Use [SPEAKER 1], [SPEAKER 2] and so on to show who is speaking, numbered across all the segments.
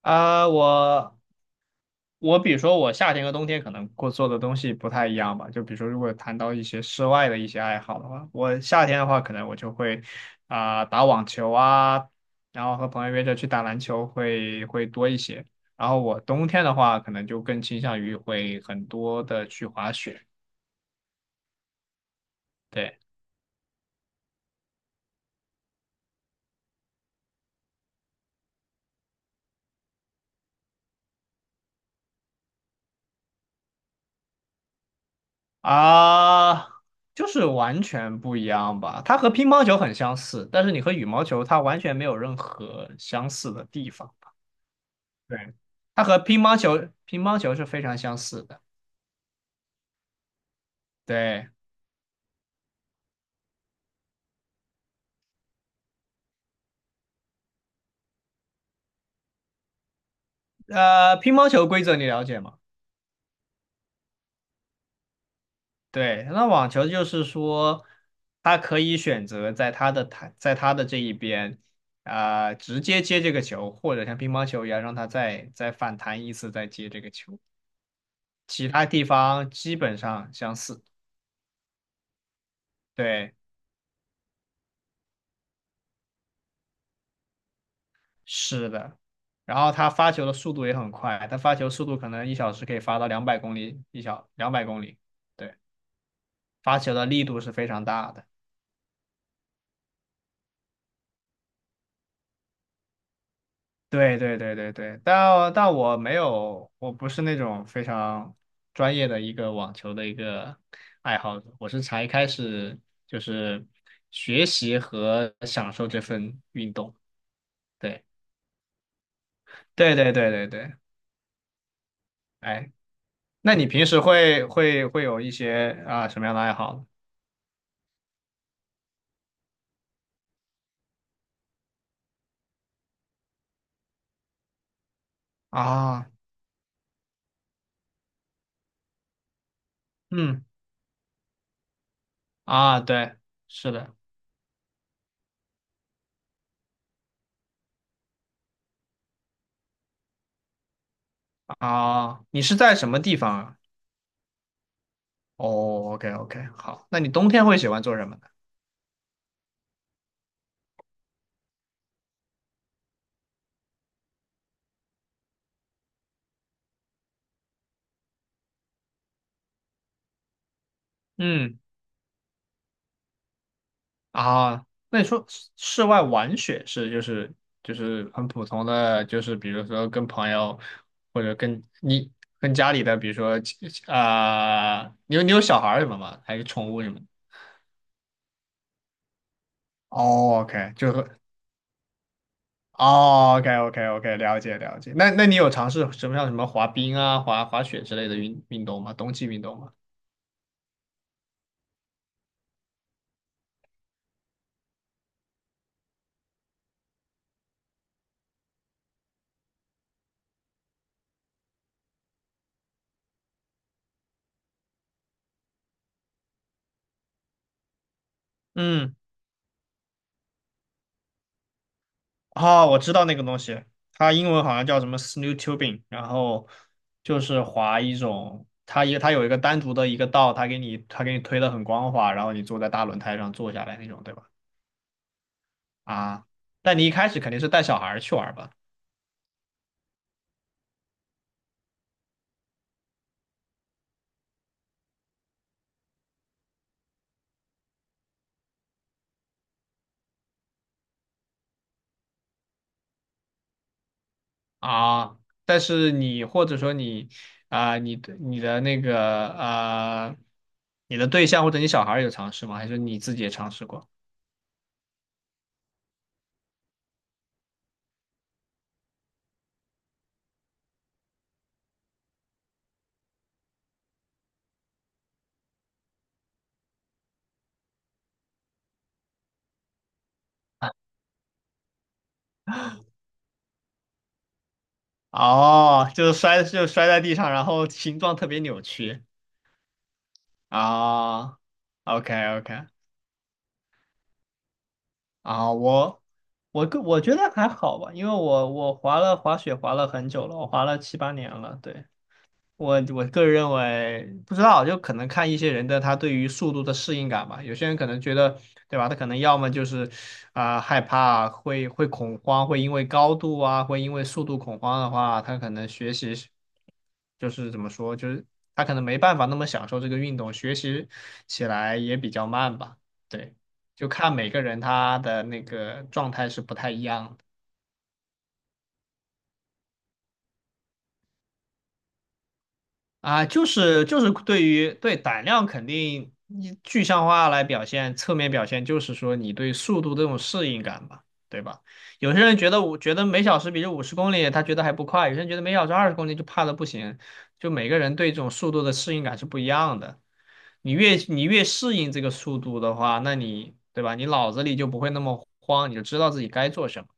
[SPEAKER 1] 啊、我我比如说我夏天和冬天可能过做的东西不太一样吧，就比如说如果谈到一些室外的一些爱好的话，我夏天的话可能我就会打网球啊，然后和朋友约着去打篮球会多一些。然后我冬天的话可能就更倾向于会很多的去滑雪。对。啊、就是完全不一样吧。它和乒乓球很相似，但是你和羽毛球它完全没有任何相似的地方。对，它和乒乓球是非常相似的。对。乒乓球规则你了解吗？对。那网球就是说，他可以选择在他的台，在他的这一边，直接接这个球，或者像乒乓球一样，让他再反弹一次，再接这个球。其他地方基本上相似。对。是的。然后他发球的速度也很快，他发球速度可能1小时可以发到两百公里两百公里。对。发球的力度是非常大的。对对对对对。但我没有，我不是那种非常专业的一个网球的一个爱好者，我是才开始就是学习和享受这份运动。对对对对对对。哎，那你平时会有一些啊什么样的爱好呢？啊。嗯。啊。对。是的。啊，你是在什么地方啊？哦，OK OK，好，那你冬天会喜欢做什么呢？嗯。啊，那你说室外玩雪是就是很普通的，就是比如说跟朋友或者跟家里的，比如说你有小孩儿什么吗？还是宠物什么的？哦，OK，就是。哦，OK，OK，OK，了解了解。那你有尝试什么像什么滑冰啊、滑雪之类的运动吗？冬季运动吗？嗯。哦，我知道那个东西，它英文好像叫什么 snow tubing,然后就是滑一种，它有一个单独的一个道，它给你推的很光滑，然后你坐在大轮胎上坐下来那种，对吧？啊，但你一开始肯定是带小孩儿去玩儿吧？啊，但是你或者说你你的那个你的对象或者你小孩儿有尝试吗？还是你自己也尝试过？哦，就是摔在地上，然后形状特别扭曲。啊，OK OK。 啊，我觉得还好吧，因为我滑雪滑了很久了，我滑了七八年了，对。我个人认为，不知道，就可能看一些人的他对于速度的适应感吧。有些人可能觉得，对吧？他可能要么就是害怕，会恐慌，会因为高度啊，会因为速度恐慌的话，他可能学习是就是怎么说，就是他可能没办法那么享受这个运动，学习起来也比较慢吧。对，就看每个人他的那个状态是不太一样的。啊，就是对于胆量肯定你具象化来表现，侧面表现就是说你对速度这种适应感吧，对吧？有些人觉得我觉得每小时比这50公里他觉得还不快，有些人觉得每小时20公里就怕的不行，就每个人对这种速度的适应感是不一样的。你越适应这个速度的话，那你对吧？你脑子里就不会那么慌，你就知道自己该做什么。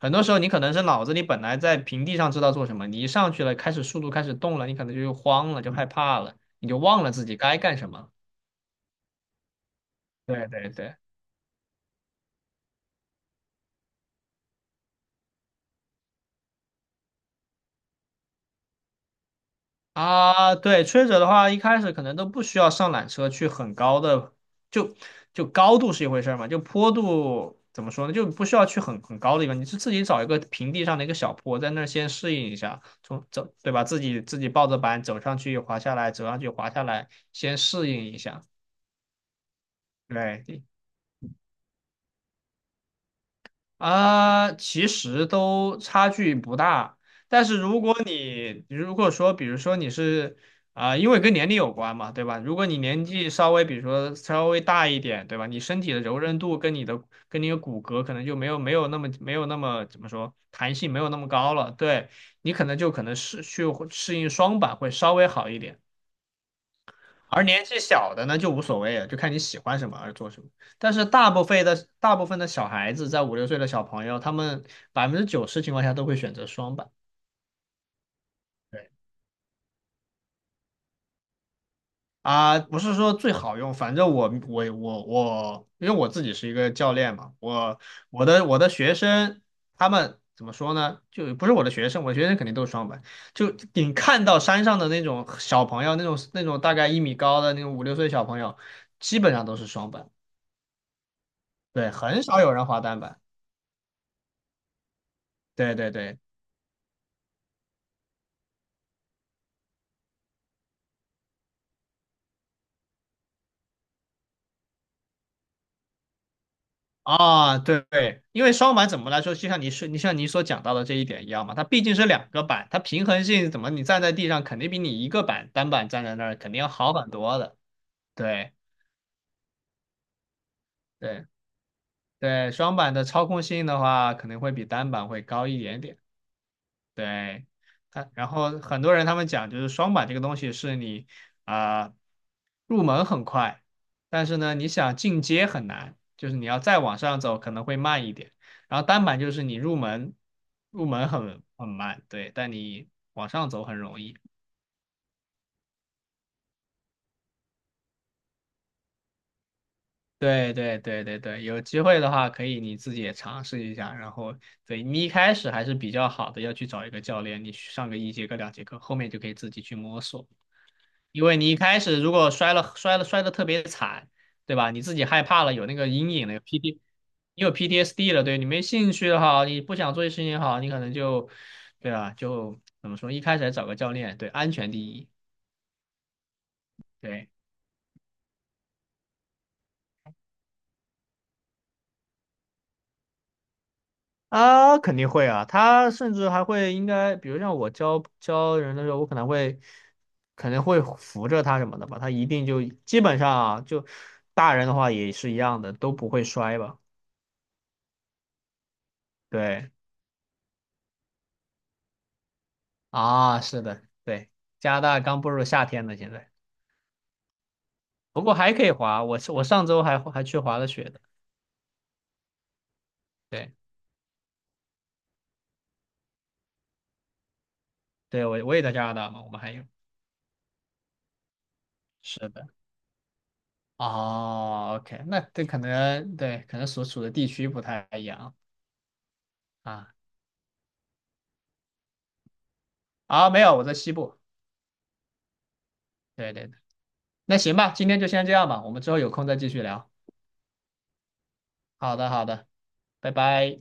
[SPEAKER 1] 很多时候你可能是脑子里本来在平地上知道做什么，你一上去了，开始速度开始动了，你可能就慌了，就害怕了，你就忘了自己该干什么了。对对对。啊，对，吹者的话，一开始可能都不需要上缆车去很高的，就就高度是一回事儿嘛，就坡度怎么说呢，就不需要去很高的地方，你是自己找一个平地上的一个小坡，在那儿先适应一下，从走，对吧？自己抱着板走上去，滑下来，走上去，滑下来，先适应一下。对。啊，其实都差距不大，但是如果说，比如说因为跟年龄有关嘛，对吧？如果你年纪稍微，比如说稍微大一点，对吧？你身体的柔韧度跟你的骨骼可能就没有那么怎么说弹性没有那么高了，对。你可能适应双板会稍微好一点。而年纪小的呢就无所谓了，就看你喜欢什么而做什么。但是大部分的小孩子，在五六岁的小朋友，他们90%情况下都会选择双板。对。啊，不是说最好用，反正我，因为我自己是一个教练嘛，我的学生他们怎么说呢？就不是我的学生，我的学生肯定都是双板。就你看到山上的那种小朋友，那种大概1米高的那种五六岁小朋友，基本上都是双板。对，很少有人滑单板。对对对。啊，对对。因为双板怎么来说，就像你像你所讲到的这一点一样嘛，它毕竟是两个板，它平衡性怎么你站在地上肯定比你一个板单板站在那儿肯定要好很多的。对对对。双板的操控性的话，可能会比单板会高一点点。对，他，然后很多人他们讲，就是双板这个东西是你啊、入门很快，但是呢，你想进阶很难，就是你要再往上走可能会慢一点。然后单板就是你入门很慢，对，但你往上走很容易。对对对对对。有机会的话可以你自己也尝试一下，然后对你一开始还是比较好的，要去找一个教练，你去上个一节课两节课，后面就可以自己去摸索。因为你一开始如果摔了摔的特别惨，对吧？你自己害怕了，有那个阴影了，有 PT,你有 PTSD 了，对，你没兴趣的好，你不想做这事情也好，你可能就，对吧？就怎么说，一开始还找个教练，对，安全第一，对。啊，肯定会啊，他甚至还会应该，比如像我教人的时候，我可能会扶着他什么的吧，他一定就基本上啊，就大人的话也是一样的，都不会摔吧，对。啊，是的，对，加拿大刚步入夏天呢，现在，不过还可以滑，我上周还去滑了雪的，对。对，我也在加拿大嘛，我们还有，是的。哦，OK,那这可能对，可能所处的地区不太一样。啊，啊，没有，我在西部。对对对。那行吧，今天就先这样吧，我们之后有空再继续聊，好的好的，拜拜。